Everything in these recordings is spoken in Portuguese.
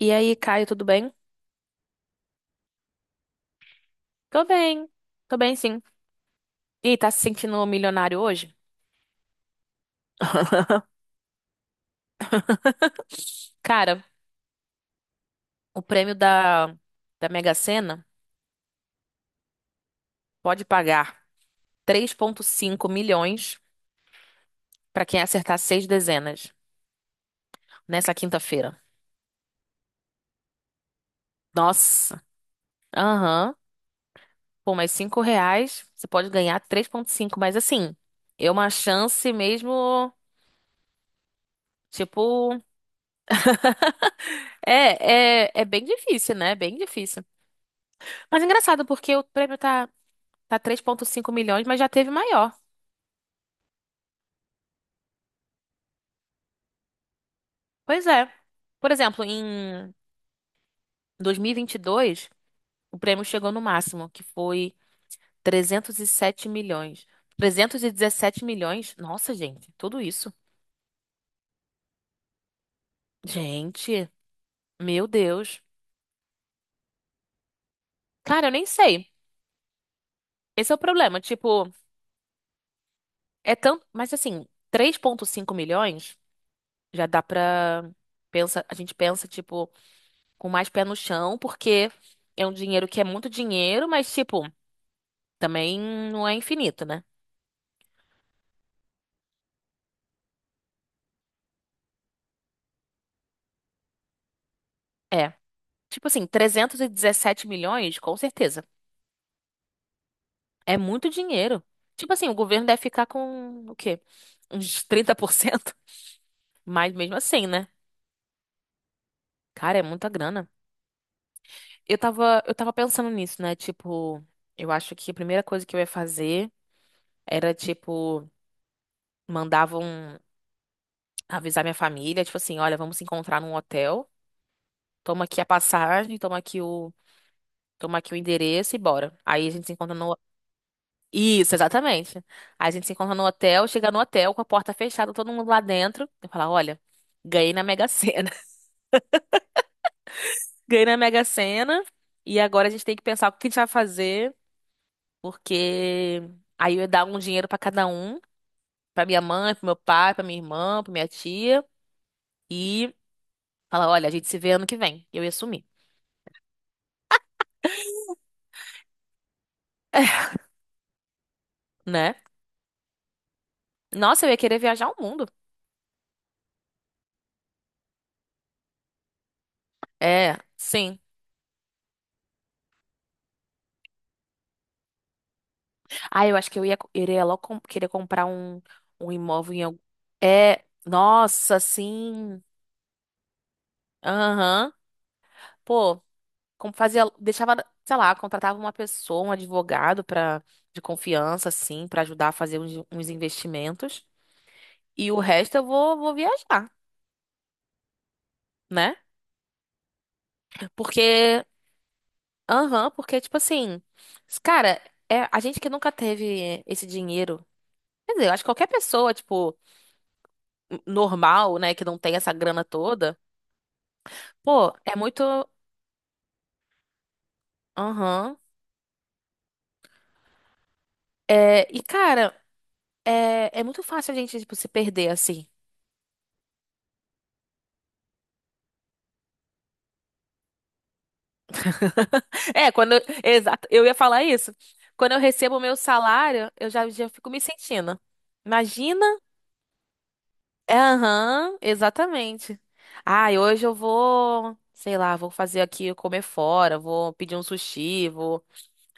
E aí, Caio, tudo bem? Tô bem, tô bem sim. E tá se sentindo milionário hoje? Cara, o prêmio da Mega Sena pode pagar 3,5 milhões pra quem acertar seis dezenas nessa quinta-feira. Nossa, aham. Por mais R$ 5, você pode ganhar três vírgula cinco. Mas assim, é uma chance mesmo. Tipo, é, é, é bem difícil, né? É bem difícil. Mas é engraçado porque o prêmio tá 3,5 milhões, mas já teve maior. Pois é. Por exemplo, em dois mil e vinte e dois o prêmio chegou no máximo, que foi 307 milhões. 317 milhões? Nossa, gente, tudo isso. Gente, meu Deus. Cara, eu nem sei. Esse é o problema. Tipo, é tanto. Mas assim, 3,5 milhões já dá pra. Pensa. A gente pensa, tipo, com mais pé no chão, porque é um dinheiro que é muito dinheiro, mas, tipo, também não é infinito, né? É. Tipo assim, 317 milhões, com certeza. É muito dinheiro. Tipo assim, o governo deve ficar com o quê? Uns 30%. Mas mesmo assim, né? Cara, é muita grana. Eu tava pensando nisso, né? Tipo, eu acho que a primeira coisa que eu ia fazer era, tipo, mandavam avisar minha família, tipo assim, olha, vamos se encontrar num hotel. Toma aqui a passagem, toma aqui o endereço e bora. Aí a gente se encontra no. Isso, exatamente. A gente se encontra no hotel, chega no hotel com a porta fechada, todo mundo lá dentro. Eu falo, olha, ganhei na Mega Sena. Ganhei na Mega Sena e agora a gente tem que pensar o que a gente vai fazer, porque aí eu ia dar um dinheiro pra cada um, pra minha mãe, pro meu pai, pra minha irmã, pra minha tia e falar, olha, a gente se vê ano que vem. Eu ia sumir, né? Nossa, eu ia querer viajar o mundo. É, sim. Ah, eu acho que iria querer comprar um, um imóvel em algum. É, nossa, sim. Aham. Pô, como fazia, deixava, sei lá, contratava uma pessoa, um advogado para de confiança, assim, pra ajudar a fazer uns, uns investimentos. E o resto eu vou viajar, né? Porque, aham, porque, tipo assim, cara, é, a gente que nunca teve esse dinheiro. Quer dizer, eu acho que qualquer pessoa, tipo, normal, né, que não tem essa grana toda. Pô, é muito. Aham. É, e, cara, é, é muito fácil a gente, tipo, se perder assim. É, quando. Eu. Exato, eu ia falar isso. Quando eu recebo o meu salário, eu já fico me sentindo. Imagina? É, aham, exatamente. Ai, hoje eu vou, sei lá, vou fazer aqui, comer fora, vou pedir um sushi, vou,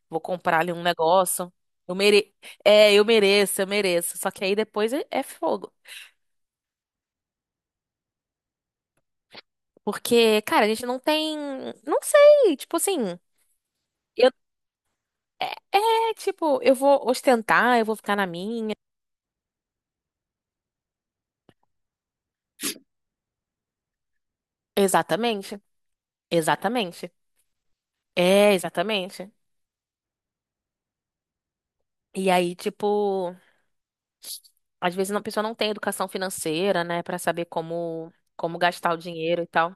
vou comprar ali um negócio. Eu mere. É, eu mereço, eu mereço. Só que aí depois é fogo. Porque, cara, a gente não tem. Não sei, tipo assim. Eu. É, é, tipo, eu vou ostentar, eu vou ficar na minha. Exatamente, exatamente. É, exatamente. E aí, tipo, às vezes a pessoa não tem educação financeira, né, pra saber como, como gastar o dinheiro e tal.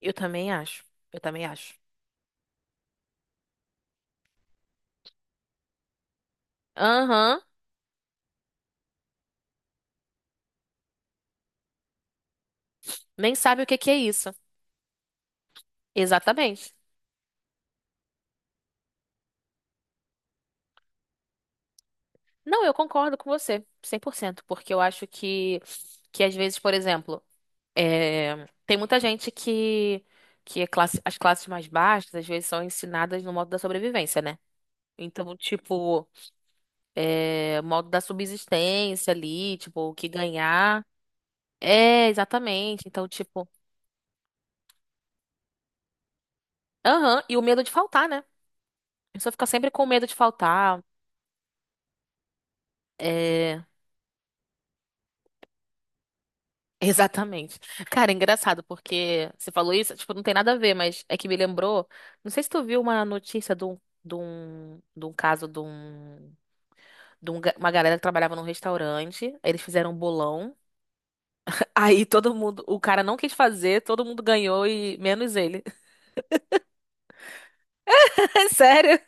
Eu também acho, eu também acho. Aham, nem sabe o que que é isso. Exatamente. Não, eu concordo com você, 100%, porque eu acho que às vezes, por exemplo. É, tem muita gente que é classe- as classes mais baixas, às vezes, são ensinadas no modo da sobrevivência, né? Então, tipo, é, modo da subsistência ali, tipo, o que ganhar. É, exatamente. Então, tipo, aham, e o medo de faltar, né? A pessoa fica sempre com medo de faltar. É, exatamente. Cara, é engraçado, porque você falou isso, tipo, não tem nada a ver, mas é que me lembrou. Não sei se tu viu uma notícia de um caso de um. Uma galera que trabalhava num restaurante. Aí eles fizeram um bolão. Aí todo mundo, o cara não quis fazer, todo mundo ganhou e menos ele. É sério?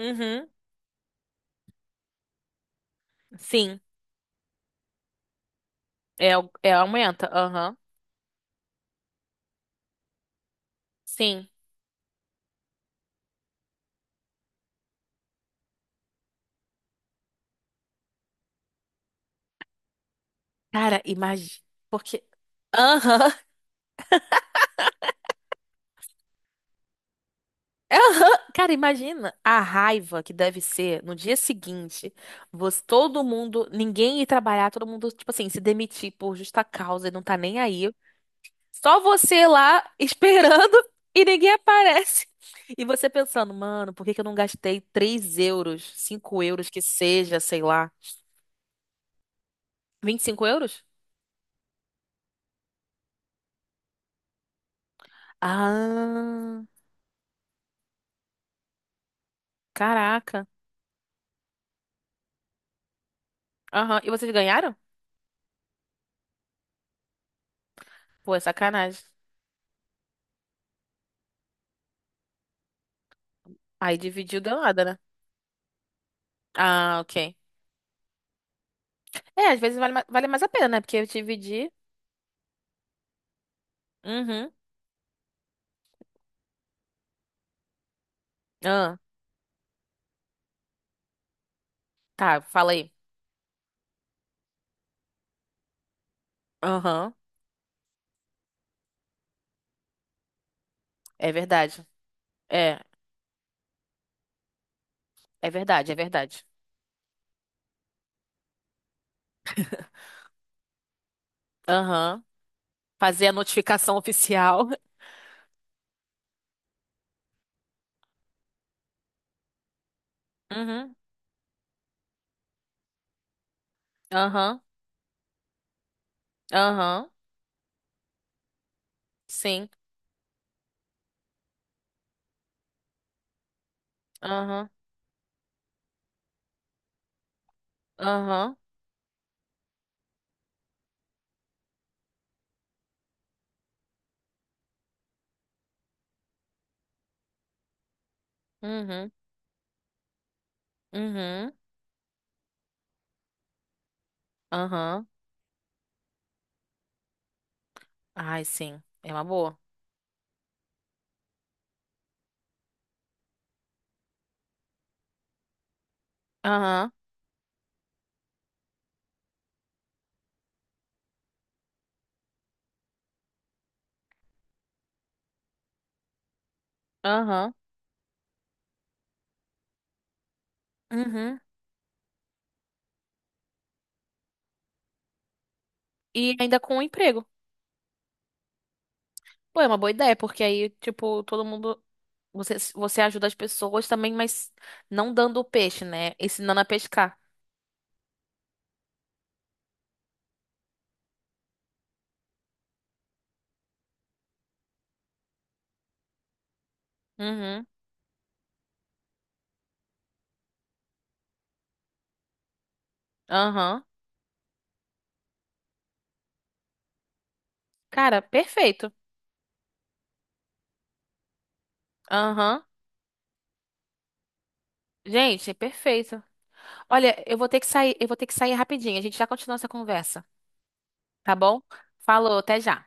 Uhum. Sim. É, o- é aumenta. Aham. Sim. Cara, imagina. Porque. Aham. É aham. Cara, imagina a raiva que deve ser no dia seguinte. Você, todo mundo, ninguém ir trabalhar, todo mundo, tipo assim, se demitir por justa causa e não tá nem aí. Só você lá esperando e ninguém aparece. E você pensando, mano, por que que eu não gastei 3 euros, 5 euros que seja, sei lá. 25 euros? Ah, caraca. Aham. E vocês ganharam? Pô, é sacanagem. Aí dividiu deu nada, né? Ah, ok. É, às vezes vale, ma- vale mais a pena, né? Porque eu dividi. Uhum. Ah, tá, fala aí. Aham. É verdade. É, é verdade, é verdade. Aham. Fazer a notificação oficial. Uhum. Aham, aham, sim. Aham, aham, uhum, uhum, aham. Ai, sim, é uma boa. Aham, aham, uhum. E ainda com o emprego. Pô, é uma boa ideia, porque aí, tipo, todo mundo. Você, você ajuda as pessoas também, mas não dando o peixe, né? Ensinando a pescar. Uhum, aham. Cara, perfeito. Aham. Gente, perfeito. Olha, eu vou ter que sair, eu vou ter que sair rapidinho. A gente já continua essa conversa, tá bom? Falou, até já.